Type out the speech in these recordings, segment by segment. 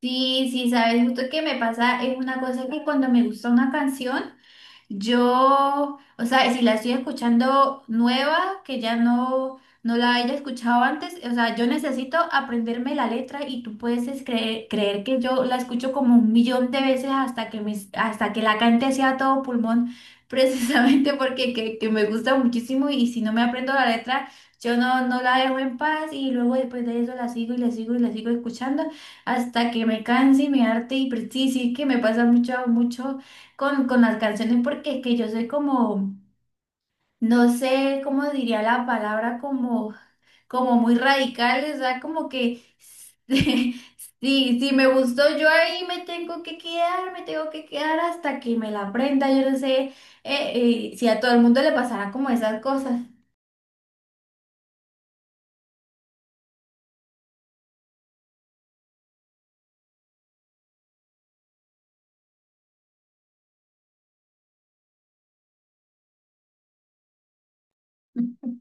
Sí, sí, sabes, justo que me pasa es una cosa que cuando me gusta una canción, yo, o sea, si la estoy escuchando nueva, que ya no la haya escuchado antes, o sea, yo necesito aprenderme la letra y tú puedes es creer que yo la escucho como un 1.000.000 de veces hasta que hasta que la cante sea todo pulmón, precisamente porque que me gusta muchísimo, y si no me aprendo la letra, yo no la dejo en paz, y luego después de eso la sigo y la sigo y la sigo escuchando hasta que me canse y me harte. Y pues, sí, sí que me pasa mucho, mucho con las canciones, porque es que yo soy como, no sé cómo diría la palabra, como, como muy radical, o sea, como que si, si me gustó, yo ahí me tengo que quedar, me tengo que quedar hasta que me la aprenda. Yo no sé si a todo el mundo le pasará como esas cosas.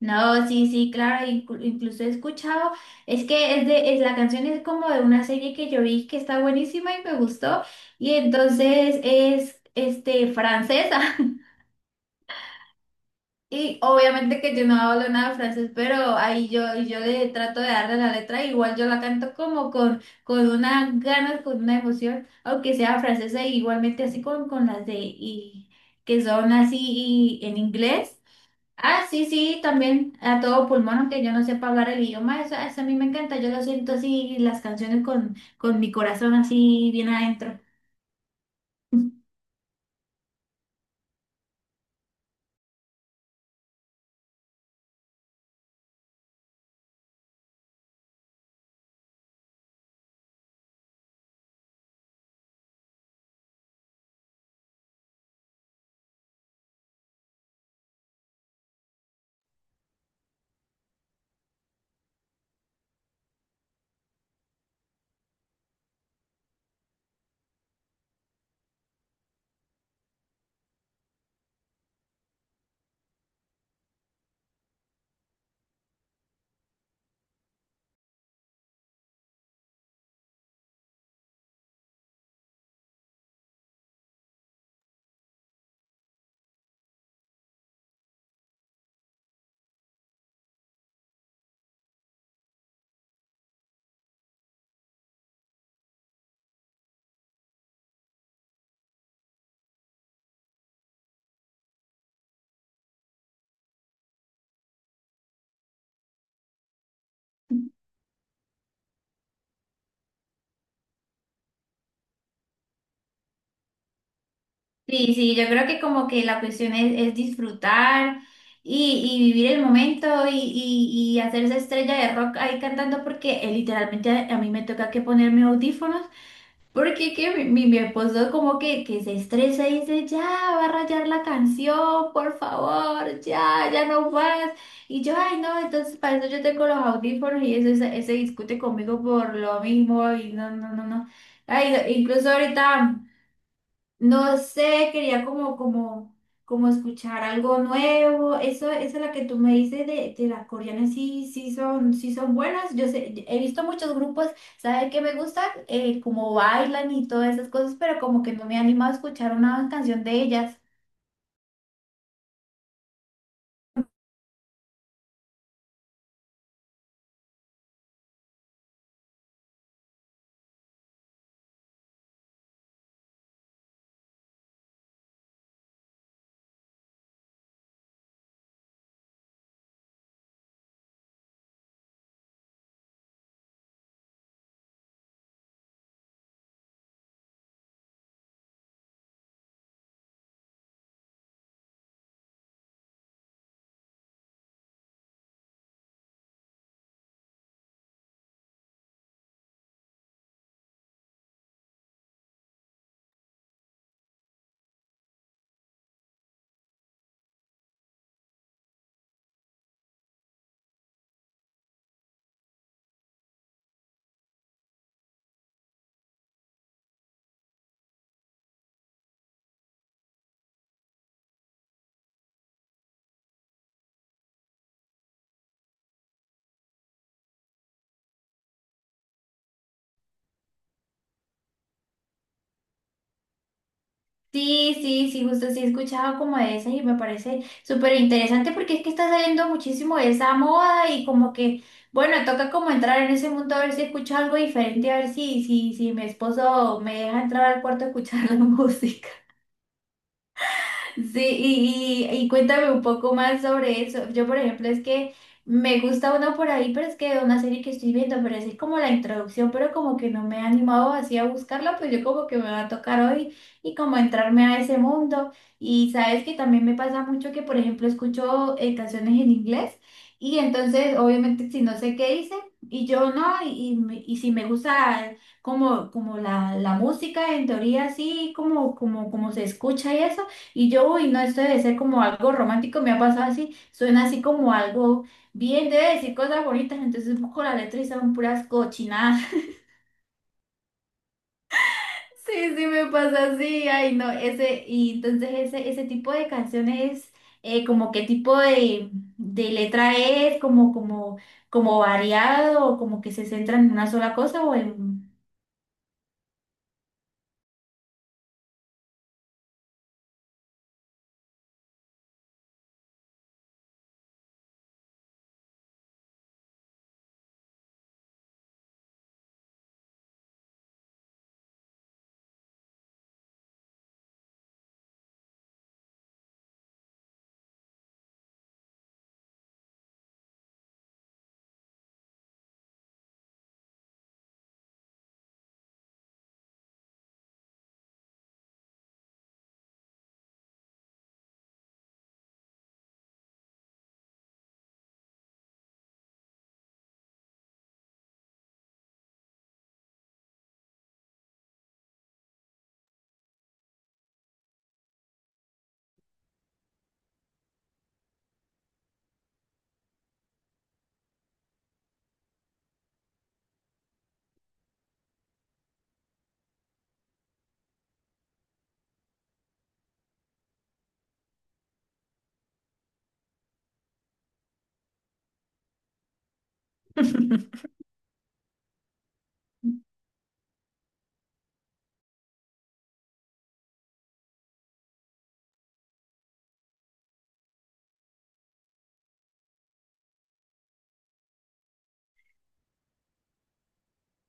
No, sí, sí, claro, incluso he escuchado, es que es de, es la canción, es como de una serie que yo vi que está buenísima y me gustó, y entonces es, este, francesa, y obviamente que yo no hablo nada de francés, pero ahí yo, yo le trato de darle la letra, igual yo la canto como con una ganas, con una emoción, aunque sea francesa, y igualmente así con las de, y, que son así y en inglés. Ah, sí, sí, también a todo pulmón, aunque yo no sepa hablar el idioma, eso a mí me encanta, yo lo siento así, las canciones con mi corazón así bien adentro. Sí, sí, yo creo que como que la cuestión es disfrutar y vivir el momento y hacerse estrella de rock ahí cantando, porque literalmente a mí me toca que poner mis audífonos. Porque que mi, mi esposo como que se estresa y dice, ya, va a rayar la canción, por favor, ya, ya no más. Y yo, ay, no, entonces para eso yo tengo los audífonos, y eso se, se discute conmigo por lo mismo, y no, no, no, no. Ay, incluso ahorita... No sé, quería como, como, como escuchar algo nuevo. Eso, esa es la que tú me dices de las coreanas, sí, sí son buenas. Yo sé, he visto muchos grupos. ¿Sabes qué me gusta? Como bailan y todas esas cosas, pero como que no me animo a escuchar una canción de ellas. Sí, sí, sí, justo sí he escuchado como de esas y me parece súper interesante, porque es que está saliendo muchísimo de esa moda y como que, bueno, toca como entrar en ese mundo a ver si escucho algo diferente, a ver si, si, si mi esposo me deja entrar al cuarto a escuchar la música. Sí, y, y cuéntame un poco más sobre eso. Yo, por ejemplo, es que me gusta uno por ahí, pero es que una serie que estoy viendo, pero es como la introducción, pero como que no me he animado así a buscarla, pues yo como que me va a tocar hoy y como entrarme a ese mundo. Y sabes que también me pasa mucho que, por ejemplo, escucho canciones en inglés, y entonces, obviamente, si no sé qué dice, y yo no, y y si me gusta como, como la música, en teoría, así como, como, como se escucha y eso. Y yo, uy, no, esto debe ser como algo romántico, me ha pasado así, suena así como algo bien, debe decir cosas bonitas, entonces busco la letra y son puras cochinadas. Sí, sí, me pasa así, ay, no, ese, y entonces ese tipo de canciones, como qué tipo de letra es, como, como, como variado, o como que se centran en una sola cosa o en...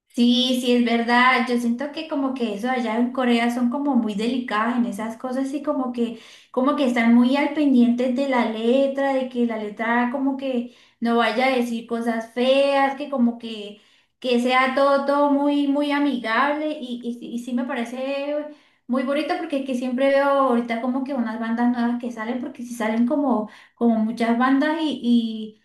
Sí, sí, es verdad. Yo siento que como que eso allá en Corea son como muy delicadas en esas cosas, y como que están muy al pendiente de la letra, de que la letra como que no vaya a decir cosas feas, que como que sea todo, todo muy, muy amigable y sí me parece muy bonito, porque que siempre veo ahorita como que unas bandas nuevas que salen, porque si salen como, como muchas bandas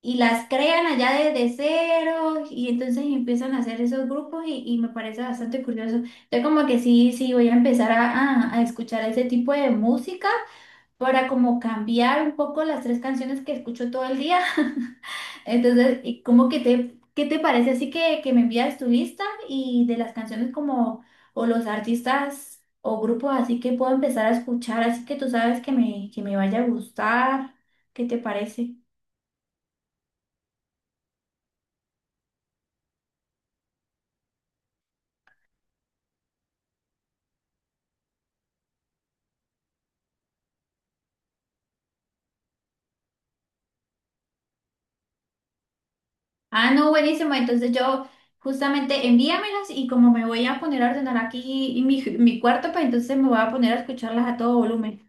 y las crean allá desde cero y entonces empiezan a hacer esos grupos y me parece bastante curioso. Entonces como que sí, sí, voy a empezar a, a escuchar ese tipo de música para como cambiar un poco las 3 canciones que escucho todo el día. Entonces, y como que te, ¿qué te parece? Así que me envías tu lista y de las canciones como o los artistas o grupos así que puedo empezar a escuchar, así que tú sabes que me vaya a gustar. ¿Qué te parece? Ah, no, buenísimo. Entonces yo justamente envíamelas, y como me voy a poner a ordenar aquí mi, mi cuarto, pues entonces me voy a poner a escucharlas a todo volumen.